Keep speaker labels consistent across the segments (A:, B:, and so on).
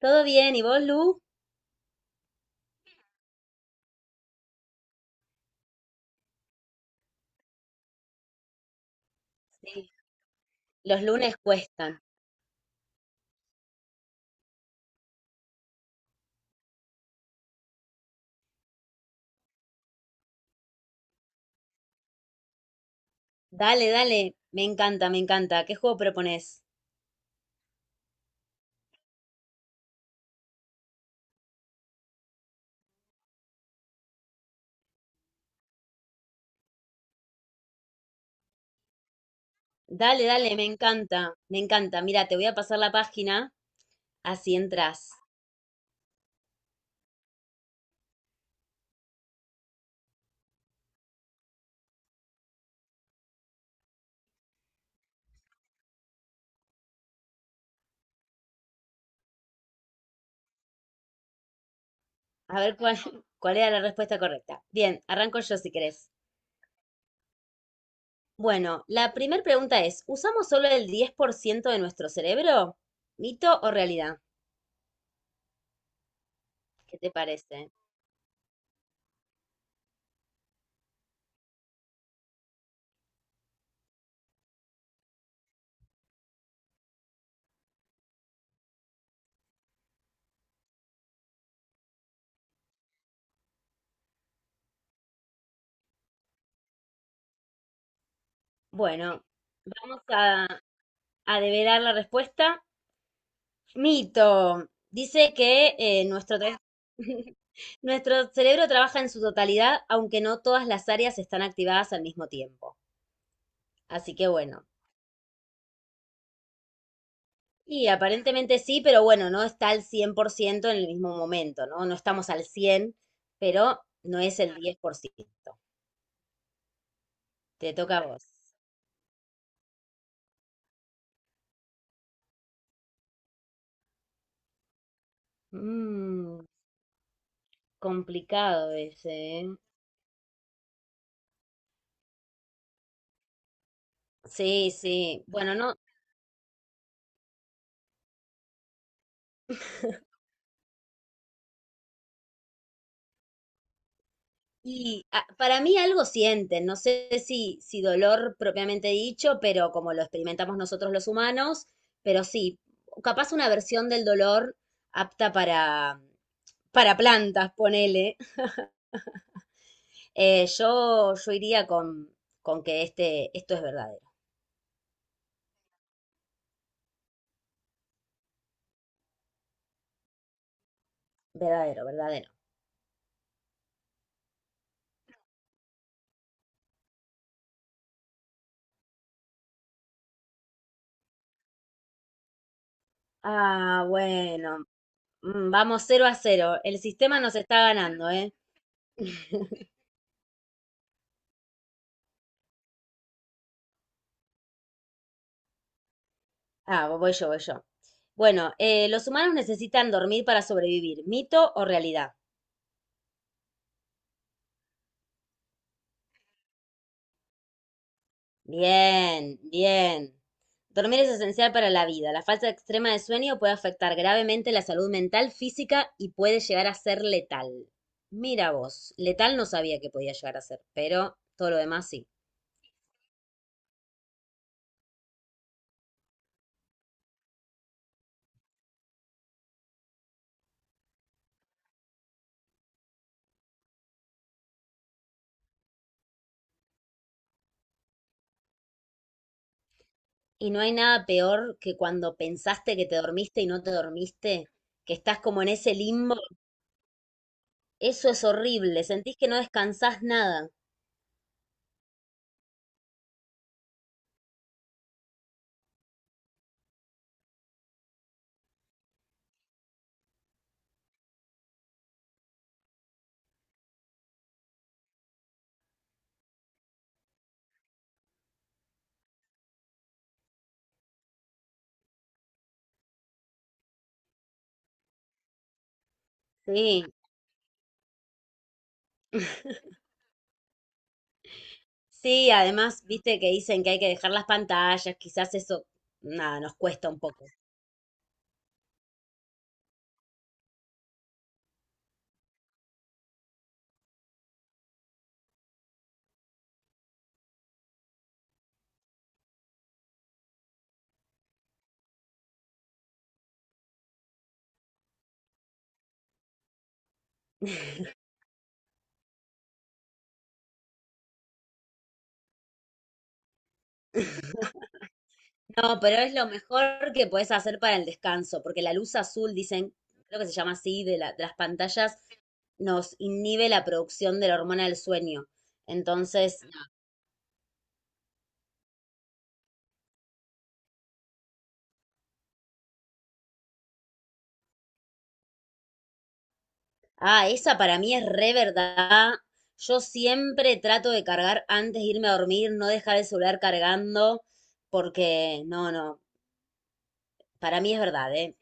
A: Todo bien, ¿y vos, Lu? Sí, los lunes cuestan. Dale, dale, me encanta, me encanta. ¿Qué juego proponés? Dale, dale, me encanta, me encanta. Mira, te voy a pasar la página, así entras. A ver cuál, cuál era la respuesta correcta. Bien, arranco yo si querés. Bueno, la primera pregunta es: ¿usamos solo el 10% de nuestro cerebro? ¿Mito o realidad? ¿Qué te parece? Bueno, vamos a develar la respuesta. Mito. Dice que nuestro, tra- nuestro cerebro trabaja en su totalidad, aunque no todas las áreas están activadas al mismo tiempo. Así que bueno. Y aparentemente sí, pero bueno, no está al 100% en el mismo momento, ¿no? No estamos al 100, pero no es el diez por ciento. Te toca a vos. Mm, complicado ese, ¿eh? Sí, sí. Bueno, no. Y para mí algo sienten, no sé si, si dolor propiamente dicho, pero como lo experimentamos nosotros los humanos, pero sí, capaz una versión del dolor apta para plantas, ponele. Yo iría con que este, esto es verdadero, verdadero, verdadero. Ah, bueno, mm, vamos cero a cero, el sistema nos está ganando, ¿eh? Ah, voy yo, voy yo. Bueno, los humanos necesitan dormir para sobrevivir. ¿Mito o realidad? Bien, bien. Dormir es esencial para la vida. La falta extrema de sueño puede afectar gravemente la salud mental, física y puede llegar a ser letal. Mira vos, letal no sabía que podía llegar a ser, pero todo lo demás sí. Y no hay nada peor que cuando pensaste que te dormiste y no te dormiste, que estás como en ese limbo. Eso es horrible, sentís que no descansás nada. Sí. Sí, además, viste que dicen que hay que dejar las pantallas, quizás eso, nada, nos cuesta un poco. No, pero es lo mejor que podés hacer para el descanso, porque la luz azul, dicen, creo que se llama así, de la- de las pantallas, nos inhibe la producción de la hormona del sueño. Entonces, ah, esa para mí es re verdad. Yo siempre trato de cargar antes de irme a dormir, no dejar el celular cargando, porque no, no, para mí es verdad, ¿eh?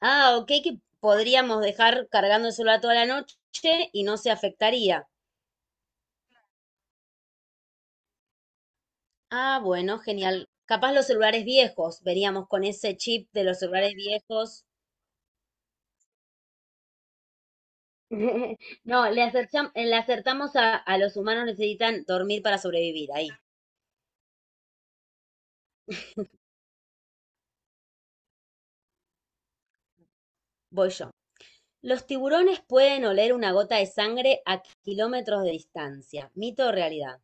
A: Ah, ok, que podríamos dejar cargando cargándoselo toda la noche y no se afectaría. Ah, bueno, genial. Capaz los celulares viejos, veríamos con ese chip de los celulares viejos. No, le acertam- le acertamos a los humanos necesitan dormir para sobrevivir. Ahí, voy yo. Los tiburones pueden oler una gota de sangre a kilómetros de distancia. ¿Mito o realidad?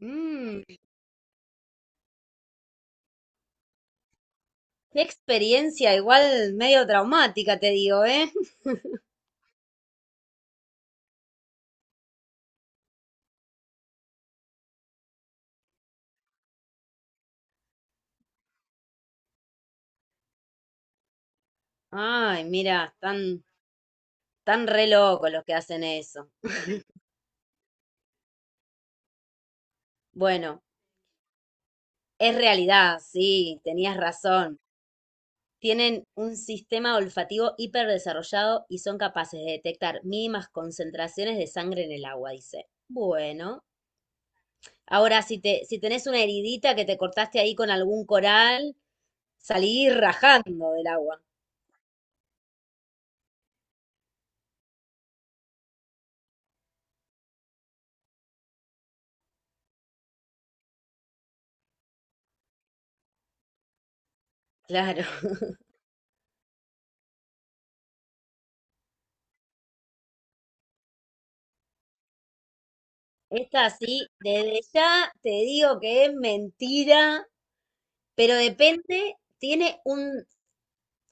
A: Mmm, qué experiencia, igual medio traumática, te digo, ¿eh? Ay, mira, están tan re locos los que hacen eso. Bueno, es realidad, sí, tenías razón. Tienen un sistema olfativo hiperdesarrollado y son capaces de detectar mínimas concentraciones de sangre en el agua, dice. Bueno, ahora si te, si tenés una heridita que te cortaste ahí con algún coral, salí rajando del agua. Claro. Esta sí, desde ya te digo que es mentira, pero depende, tiene un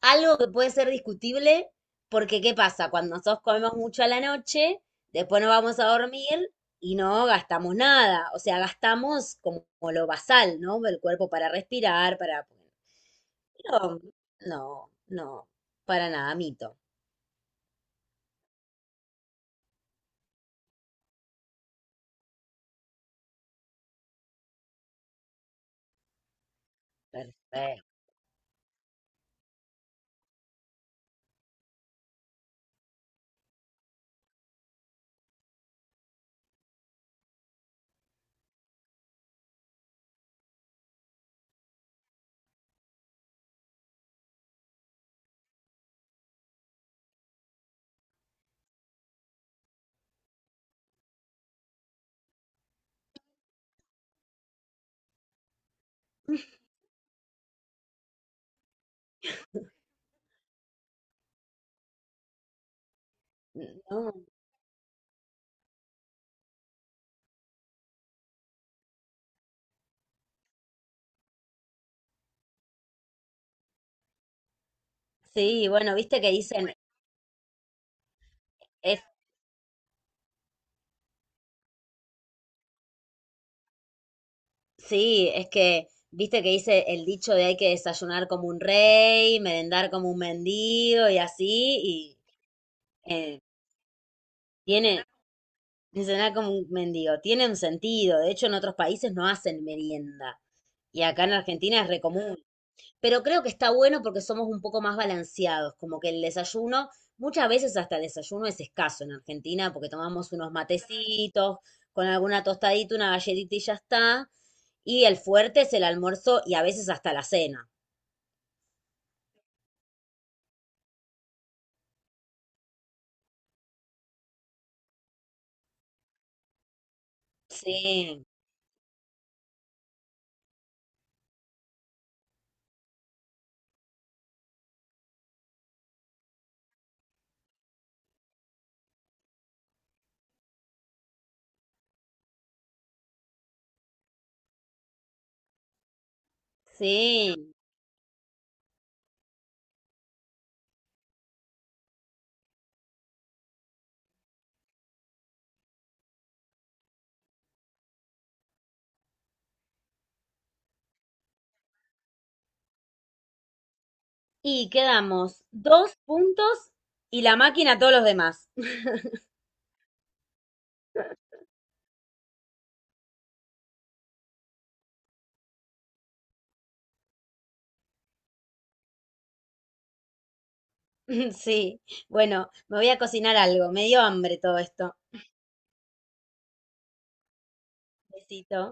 A: algo que puede ser discutible, porque ¿qué pasa? Cuando nosotros comemos mucho a la noche, después nos vamos a dormir y no gastamos nada. O sea, gastamos como, como lo basal, ¿no? El cuerpo para respirar, para... Pero no, no, para nada, mito. Perfecto. No. Sí, bueno, viste que dicen, es, sí, es que, viste que dice el dicho de hay que desayunar como un rey, merendar como un mendigo y así, y eh, tiene, me suena como un mendigo. Tiene un sentido. De hecho, en otros países no hacen merienda. Y acá en Argentina es re común. Pero creo que está bueno porque somos un poco más balanceados. Como que el desayuno, muchas veces hasta el desayuno es escaso en Argentina porque tomamos unos matecitos, con alguna tostadita, una galletita y ya está. Y el fuerte es el almuerzo y a veces hasta la cena. Sí, sí. Y quedamos dos puntos y la máquina a todos los demás. Sí, bueno, me voy a cocinar algo. Me dio hambre todo esto. Besito.